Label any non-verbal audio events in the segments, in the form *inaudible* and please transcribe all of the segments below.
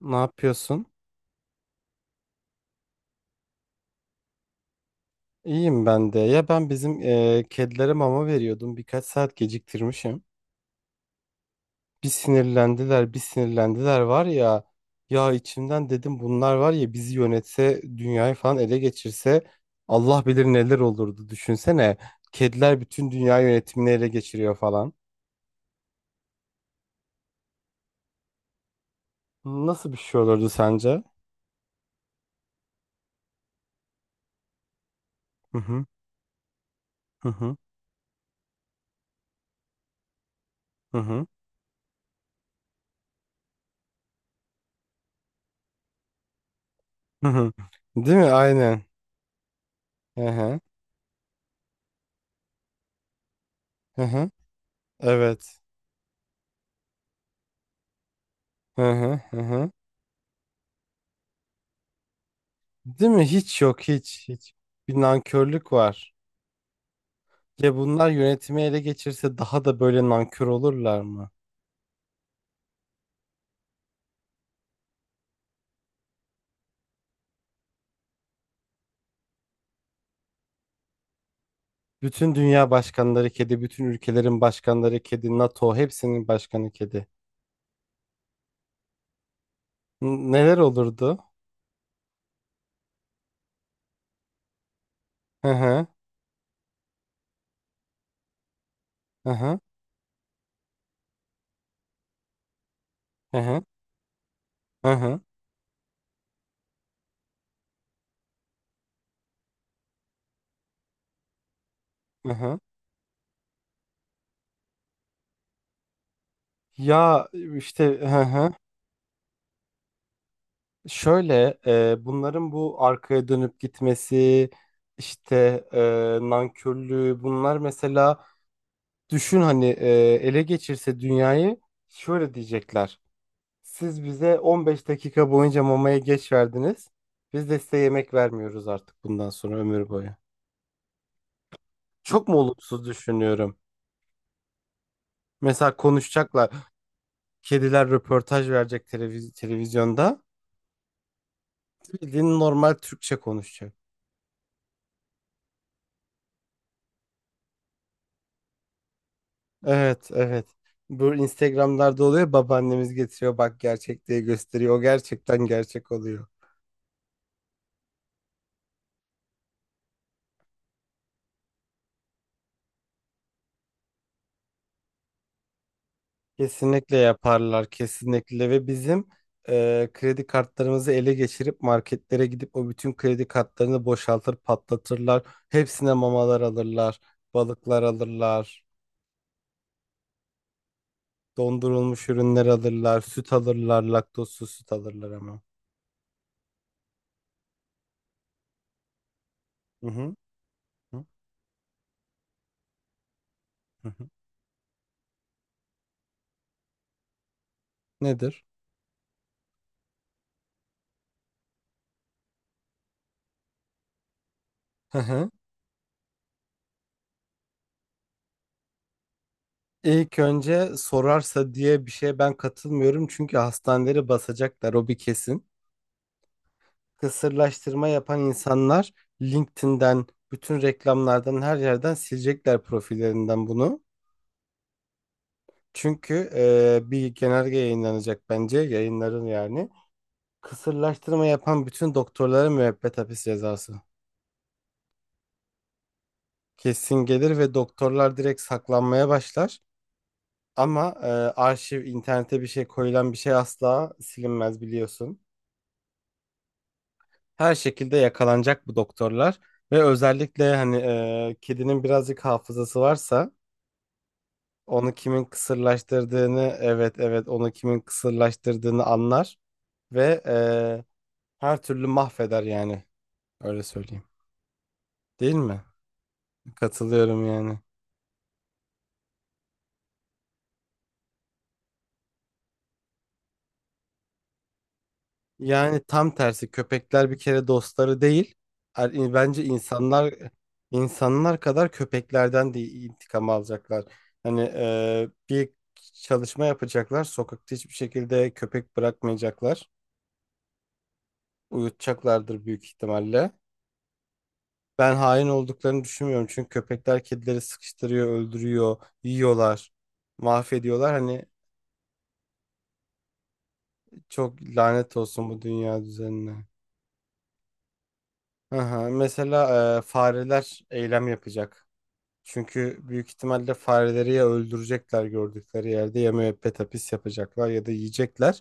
Ne yapıyorsun? İyiyim ben de. Ya ben bizim kedilere mama veriyordum. Birkaç saat geciktirmişim. Bir sinirlendiler, bir sinirlendiler var ya. Ya içimden dedim bunlar var ya bizi yönetse, dünyayı falan ele geçirse Allah bilir neler olurdu. Düşünsene. Kediler bütün dünya yönetimini ele geçiriyor falan. Nasıl bir şey olurdu sence? Hı hı, hı hı, hı hı. Hı hı. Değil mi? Aynen. Hı hı, hı hı. Evet. Hı hı, hı hı. Değil mi? Hiç yok, hiç hiç. Bir nankörlük var. Ya bunlar yönetimi ele geçirse daha da böyle nankör olurlar mı? Bütün dünya başkanları kedi, bütün ülkelerin başkanları kedi, NATO hepsinin başkanı kedi. Neler olurdu? Hı hı, hı hı, hı hı, hı hı. Hı hı. Ya işte, hı hı. Şöyle bunların bu arkaya dönüp gitmesi, işte, nankörlüğü bunlar mesela. Düşün hani, ele geçirse dünyayı, şöyle diyecekler. Siz bize 15 dakika boyunca mamaya geç verdiniz. Biz de size yemek vermiyoruz artık bundan sonra ömür boyu. Çok mu olumsuz düşünüyorum? Mesela konuşacaklar. Kediler röportaj verecek televizyonda. Bildiğin normal Türkçe konuşacak. Evet, evet. Bu Instagram'larda oluyor. Babaannemiz getiriyor, bak gerçek diye gösteriyor. O gerçekten gerçek oluyor. Kesinlikle yaparlar, kesinlikle, ve bizim kredi kartlarımızı ele geçirip marketlere gidip o bütün kredi kartlarını boşaltır, patlatırlar. Hepsine mamalar alırlar, balıklar alırlar, dondurulmuş ürünler alırlar, süt alırlar, laktozsuz süt alırlar ama. Hı hı. Hı hı. Hı. Nedir? Hı hı. İlk önce sorarsa diye bir şeye ben katılmıyorum, çünkü hastaneleri basacaklar o bir kesin. Kısırlaştırma yapan insanlar LinkedIn'den, bütün reklamlardan, her yerden silecekler profillerinden bunu. Çünkü bir genelge yayınlanacak bence, yayınların yani. Kısırlaştırma yapan bütün doktorlara müebbet hapis cezası. Kesin gelir ve doktorlar direkt saklanmaya başlar. Ama arşiv, internete bir şey koyulan bir şey asla silinmez biliyorsun. Her şekilde yakalanacak bu doktorlar. Ve özellikle hani, kedinin birazcık hafızası varsa, onu kimin kısırlaştırdığını, evet evet, onu kimin kısırlaştırdığını anlar ve her türlü mahveder yani, öyle söyleyeyim. Değil mi? Katılıyorum yani. Yani tam tersi, köpekler bir kere dostları değil. Bence insanlar kadar köpeklerden de intikam alacaklar. Hani bir çalışma yapacaklar. Sokakta hiçbir şekilde köpek bırakmayacaklar. Uyutacaklardır büyük ihtimalle. Ben hain olduklarını düşünmüyorum. Çünkü köpekler kedileri sıkıştırıyor, öldürüyor, yiyorlar, mahvediyorlar. Hani çok lanet olsun bu dünya düzenine. Aha, mesela fareler eylem yapacak. Çünkü büyük ihtimalle fareleri ya öldürecekler gördükleri yerde, ya müebbet hapis yapacaklar, ya da yiyecekler.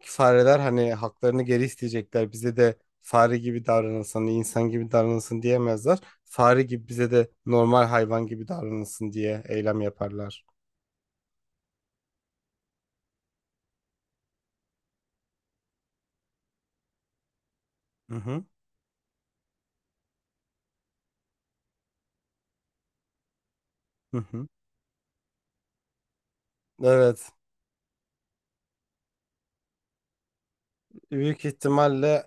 Ki fareler hani haklarını geri isteyecekler. Bize de fare gibi davranılsın, insan gibi davranılsın diyemezler. Fare gibi, bize de normal hayvan gibi davranılsın diye eylem yaparlar. Hı hı. Hı hı. Evet. Büyük ihtimalle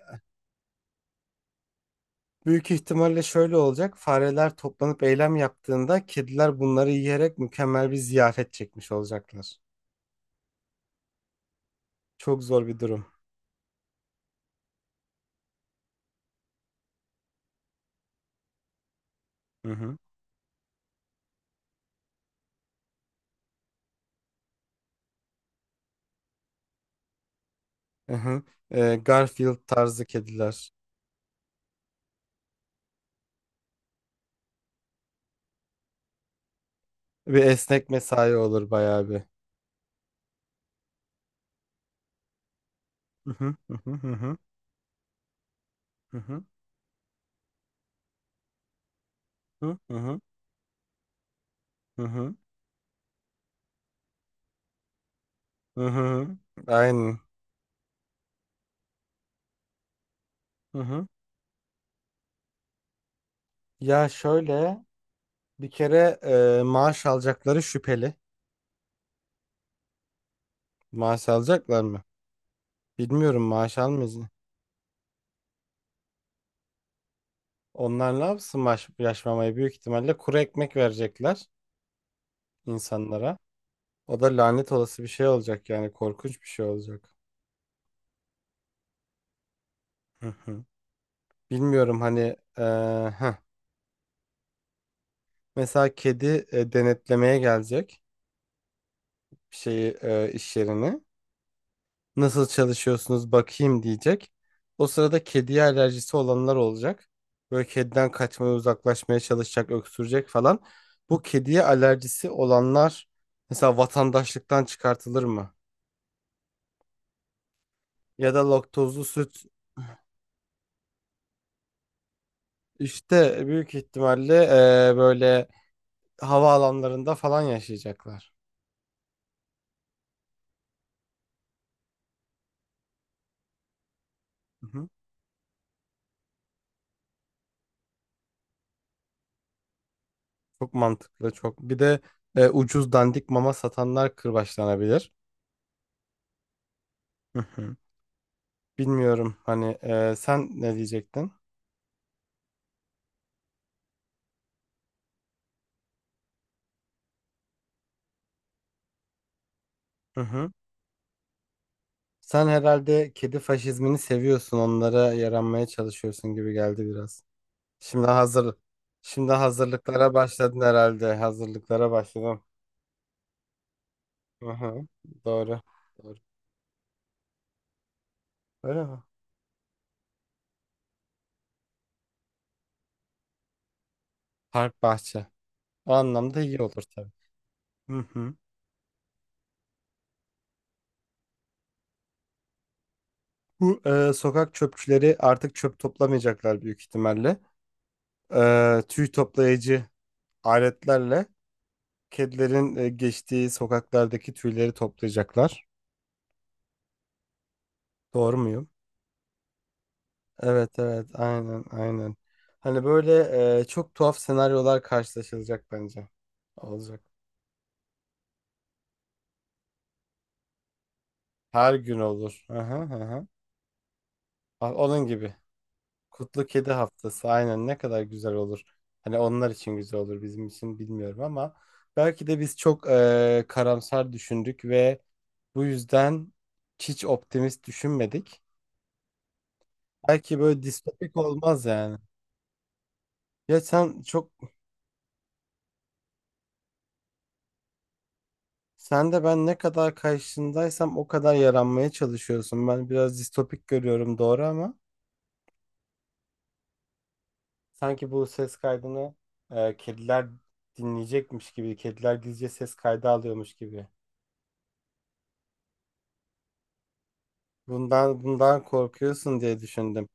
Büyük ihtimalle şöyle olacak. Fareler toplanıp eylem yaptığında kediler bunları yiyerek mükemmel bir ziyafet çekmiş olacaklar. Çok zor bir durum. Hı hı. Hı hı. Garfield tarzı kediler. Bir esnek mesai olur bayağı bir. Hı hı. Hı hı. Hı hı. Hı hı. Hı hı. Hı hı. Hı hı. Aynen. Hı hı. Ya şöyle, bir kere maaş alacakları şüpheli. Maaş alacaklar mı? Bilmiyorum, maaş almayız. Onlar ne yapsın maaş, yaşmamayı, büyük ihtimalle kuru ekmek verecekler insanlara. O da lanet olası bir şey olacak yani, korkunç bir şey olacak. Hı hı. Bilmiyorum hani, heh. Mesela kedi, denetlemeye gelecek bir şeyi, iş yerini. Nasıl çalışıyorsunuz bakayım diyecek. O sırada kediye alerjisi olanlar olacak. Böyle kediden kaçmaya, uzaklaşmaya çalışacak, öksürecek falan. Bu kediye alerjisi olanlar mesela vatandaşlıktan çıkartılır mı? Ya da laktozlu süt, işte büyük ihtimalle böyle havaalanlarında falan yaşayacaklar. Hı hı. Çok mantıklı, çok. Bir de ucuz dandik mama satanlar kırbaçlanabilir. Hı hı. Bilmiyorum hani, sen ne diyecektin? Hı hı. Sen herhalde kedi faşizmini seviyorsun, onlara yaranmaya çalışıyorsun gibi geldi biraz. Şimdi hazır, şimdi hazırlıklara başladın herhalde. Hazırlıklara başladım. Hı hı. Doğru. Doğru. Öyle mi? Park bahçe. O anlamda iyi olur tabii. Hı hı. Bu, sokak çöpçüleri artık çöp toplamayacaklar büyük ihtimalle. E, tüy toplayıcı aletlerle kedilerin, geçtiği sokaklardaki tüyleri toplayacaklar. Doğru muyum? Evet evet, aynen aynen. Hani böyle, çok tuhaf senaryolar karşılaşılacak bence. Olacak. Her gün olur. Aha, aha. Ha, onun gibi. Kutlu Kedi Haftası, aynen, ne kadar güzel olur. Hani onlar için güzel olur, bizim için bilmiyorum, ama belki de biz çok karamsar düşündük ve bu yüzden hiç optimist düşünmedik. Belki böyle distopik olmaz yani. Ya sen çok. Sen de ben ne kadar karşındaysam o kadar yaranmaya çalışıyorsun. Ben biraz distopik görüyorum doğru, ama sanki bu ses kaydını kediler dinleyecekmiş gibi, kediler gizlice ses kaydı alıyormuş gibi. Bundan korkuyorsun diye düşündüm.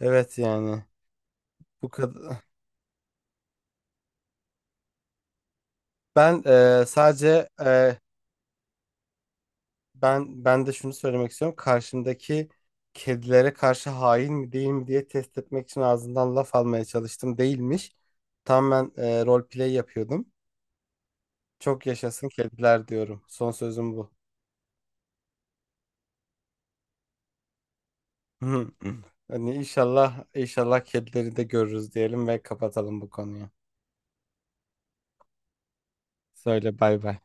Evet yani, bu kadar. Ben sadece, ben de şunu söylemek istiyorum. Karşımdaki kedilere karşı hain mi değil mi diye test etmek için ağzından laf almaya çalıştım. Değilmiş. Tam ben role play yapıyordum. Çok yaşasın kediler diyorum. Son sözüm bu. *laughs* Hani inşallah kedileri de görürüz diyelim ve kapatalım bu konuyu. Söyle bay bay.